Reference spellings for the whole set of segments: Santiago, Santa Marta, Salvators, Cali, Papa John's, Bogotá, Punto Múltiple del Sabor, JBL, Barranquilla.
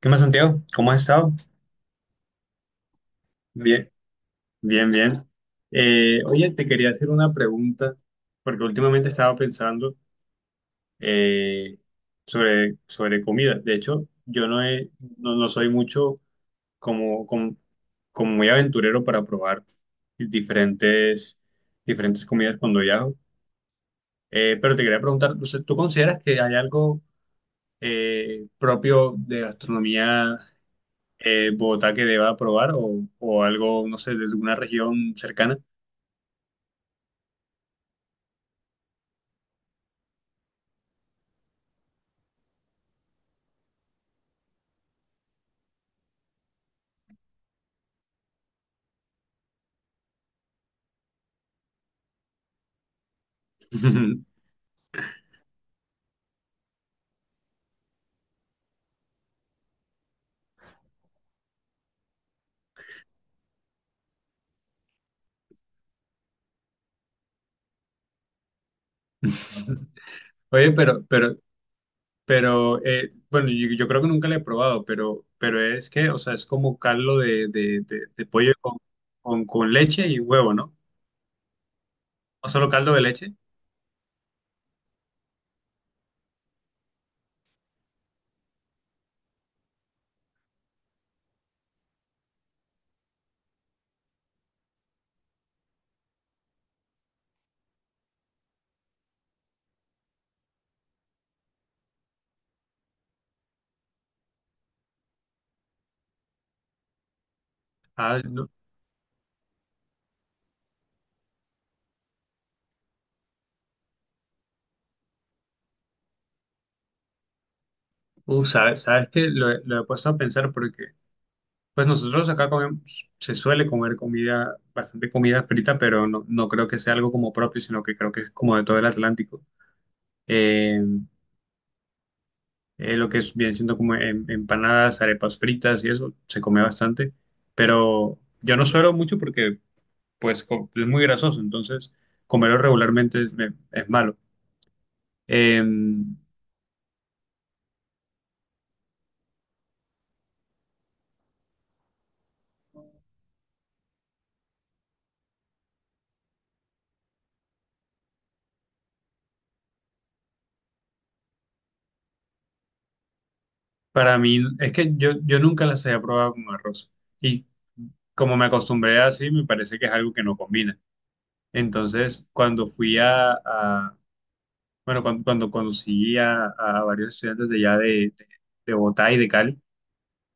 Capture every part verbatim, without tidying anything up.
¿Qué más, Santiago? ¿Cómo has estado? Bien, bien, bien. Eh, oye, te quería hacer una pregunta, porque últimamente estaba pensando eh, sobre, sobre comida. De hecho, yo no, he- no, no soy mucho como, como, como muy aventurero para probar diferentes, diferentes comidas cuando viajo. Eh, pero te quería preguntar, o sea, ¿tú consideras que hay algo eh, propio de gastronomía, eh, Bogotá, que deba probar o, o algo, no sé, de alguna región cercana? Oye, pero, pero, pero, eh, bueno, yo, yo creo que nunca la he probado, pero, pero es que, o sea, es como caldo de, de, de- de pollo con, con, con leche y huevo, ¿no? ¿O solo caldo de leche? Ah, no. Uh, sabes, sabes que lo, he lo he puesto a pensar porque pues nosotros acá comemos, se suele comer comida, bastante comida frita, pero no, no creo que sea algo como propio, sino que creo que es como de todo el Atlántico. Eh, eh, lo que es, viene siendo como em- empanadas, arepas fritas y eso, se come bastante, pero yo no suelo mucho porque pues co- es muy grasoso, entonces comerlo regularmente es, me- es malo. Em, para mí, es que yo, yo nunca las había probado con arroz y como me acostumbré así, me parece que es algo que no combina. Entonces, cuando fui a, a- bueno, cuando, cuando conocí a, a varios estudiantes de allá de, de, de Bogotá y de Cali,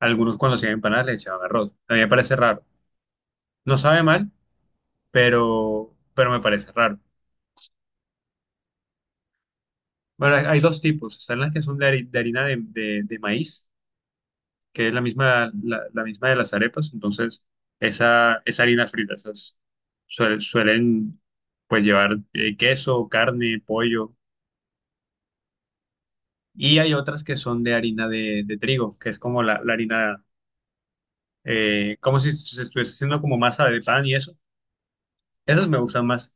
algunos cuando hacían empanadas le echaban arroz. A mí me parece raro. No sabe mal, pero, pero me parece raro. Bueno, hay hay dos tipos. Están las que son de, hari- de harina de, de- de maíz, que es la misma, la, la misma de las arepas. Entonces, esa, esa harina frita, esas suel- suelen pues llevar eh, queso, carne, pollo. Y hay otras que son de harina de, de trigo, que es como la, la harina, eh, como si se estuviese haciendo como masa de pan y eso. Esas me gustan más.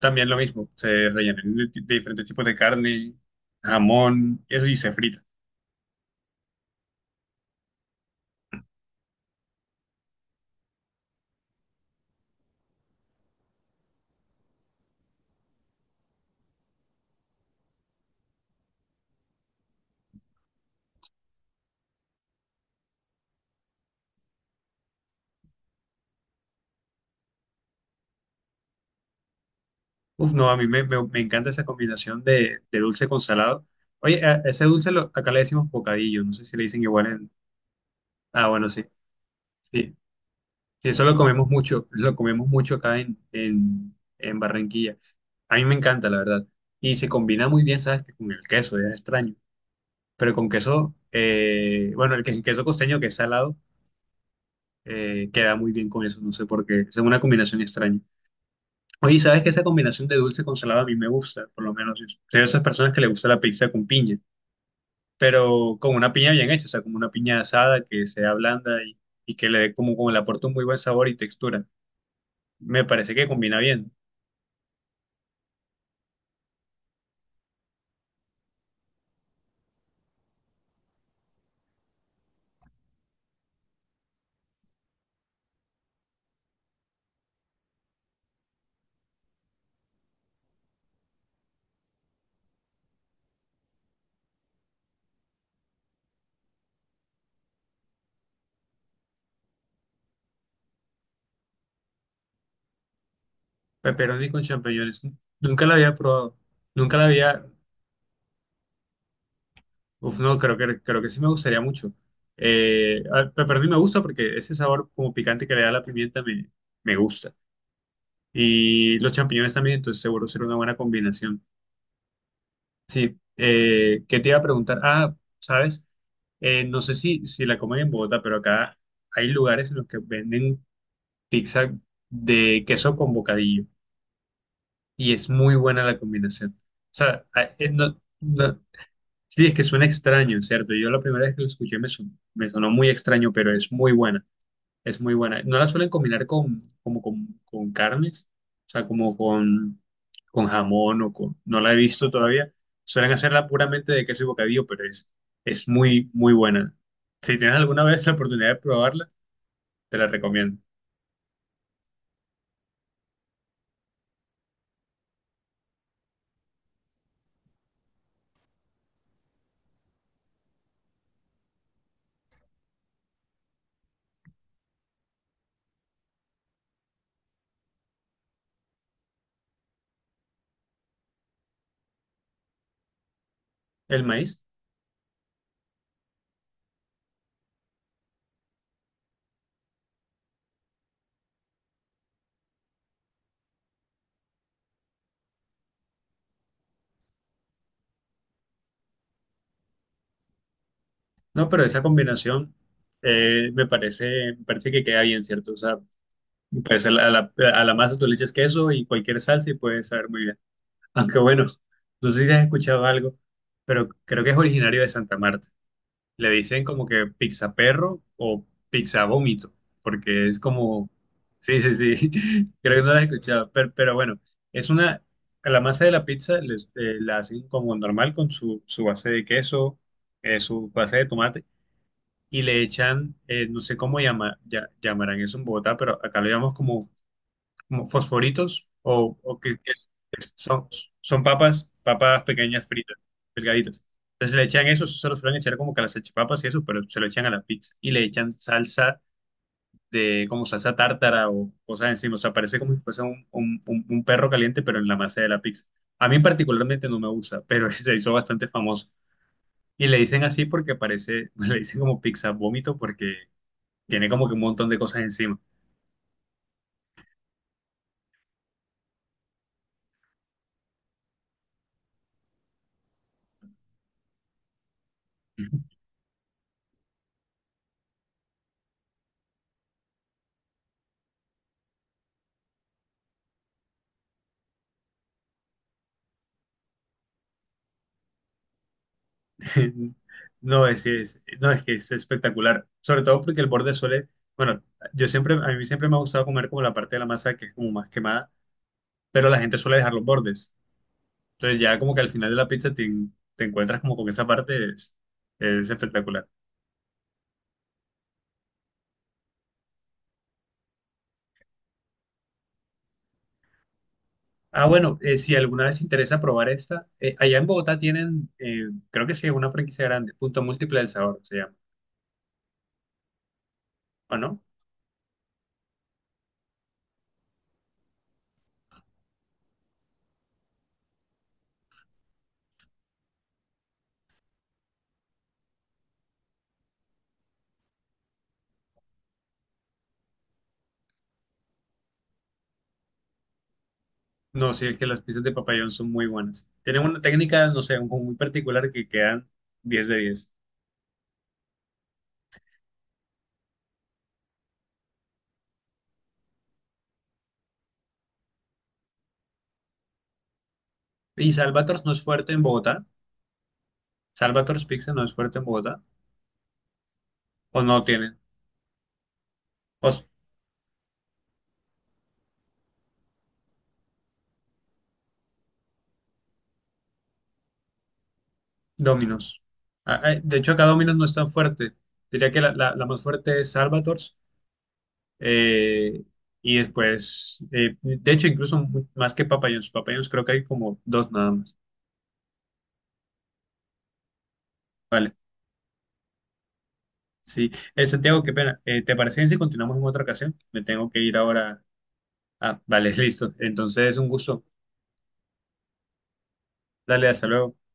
También lo mismo, se rellena de, de diferentes tipos de carne, jamón, eso y se frita. Uf, no, a mí me, me- me encanta esa combinación de, de dulce con salado. Oye, a- ese dulce lo- acá le decimos bocadillo, no sé si le dicen igual en. Ah, bueno, sí, sí. Sí, eso lo comemos mucho, lo comemos mucho acá en, en, en Barranquilla. A mí me encanta, la verdad. Y se combina muy bien, ¿sabes? Que Con el queso, es extraño. Pero con queso, eh, bueno, el, que- el queso costeño que es salado, eh, queda muy bien con eso, no sé por qué. Es una combinación extraña. Oye, ¿sabes que esa combinación de dulce con salado a mí me gusta? Por lo menos yo soy de esas personas que le gusta la pizza con piña, pero con una piña bien hecha, o sea, como una piña asada que sea blanda y, y que le dé como, como, le aporte un muy buen sabor y textura. Me parece que combina bien. Pepperoni con champiñones, n- nunca la había probado, nunca la había, uf, no, creo que, creo que sí me gustaría mucho. Eh, al pepperoni me gusta porque ese sabor como picante que le da la pimienta me, me gusta. Y los champiñones también, entonces seguro será una buena combinación. Sí, eh, ¿qué te iba a preguntar? Ah, sabes, Eh, no sé si, si la comen en Bogotá, pero acá hay lugares en los que venden pizza de queso con bocadillo y es muy buena la combinación. O sea, a- eh, no, no- sí, es que suena extraño, ¿cierto? Yo la primera vez que lo escuché me, son- me sonó muy extraño, pero es muy buena. Es muy buena. No la suelen combinar con, como con, con carnes, o sea, como con, con jamón o con. No la he visto todavía. Suelen hacerla puramente de queso y bocadillo, pero es, es muy, muy buena. Si tienes alguna vez la oportunidad de probarla, te la recomiendo. El maíz, no, pero esa combinación eh, me parece, me parece, que queda bien, ¿cierto? O sea, pues a la, a la, a la masa tú le echas queso y cualquier salsa y puede saber muy bien. Aunque bueno, no sé si has escuchado algo, pero creo que es originario de Santa Marta. Le dicen como que pizza perro o pizza vómito, porque es como, sí, sí, sí, creo que no la he escuchado, pero, pero bueno, es una, a la masa de la pizza les- eh, la hacen como normal con su, su base de queso, eh, su base de tomate, y le echan, eh, no sé cómo llama, ya, llamarán eso en Bogotá, pero acá lo llamamos como como fosforitos o, o que, que es- que son, son papas, papas, pequeñas fritas, delgaditas. Entonces le echan eso, eso se lo suelen echar como que a las salchipapas y eso, pero se lo echan a la pizza y le echan salsa de como salsa tártara o cosas encima. O sea, parece como si fuese un, un, un- un perro caliente, pero en la masa de la pizza. A mí particularmente no me gusta, pero se hizo bastante famoso. Y le dicen así porque parece, le dicen como pizza vómito porque tiene como que un montón de cosas encima. No, es, es, no, es que es espectacular, sobre todo porque el borde suele, bueno, yo siempre, a mí siempre me ha gustado comer como la parte de la masa que es como más quemada, pero la gente suele dejar los bordes. Entonces ya como que al final de la pizza te, en- te encuentras como con esa parte, es, es espectacular. Ah, bueno, eh, si alguna vez te interesa probar esta, eh, allá en Bogotá tienen, eh, creo que sí, una franquicia grande, Punto Múltiple del Sabor se llama, ¿o no? No, sí, es que las pizzas de papayón son muy buenas. Tienen una técnica, no sé, un- muy particular que quedan diez de diez. ¿Y Salvators no es fuerte en Bogotá? ¿Salvators Pizza no es fuerte en Bogotá? ¿O no tienen? ¿O s- Domino's? Ah, ah, de hecho, acá Domino's no es tan fuerte. Diría que la, la- la más fuerte es Salvators. eh, y después, eh, de hecho, incluso mu- más que Papa John's. Papa John's creo que hay como dos nada más. Vale, sí. Eh, Santiago, qué pena. Eh, ¿te parece bien si continuamos en otra ocasión? Me tengo que ir ahora. Ah, vale, listo. Entonces, un gusto. Dale, hasta luego.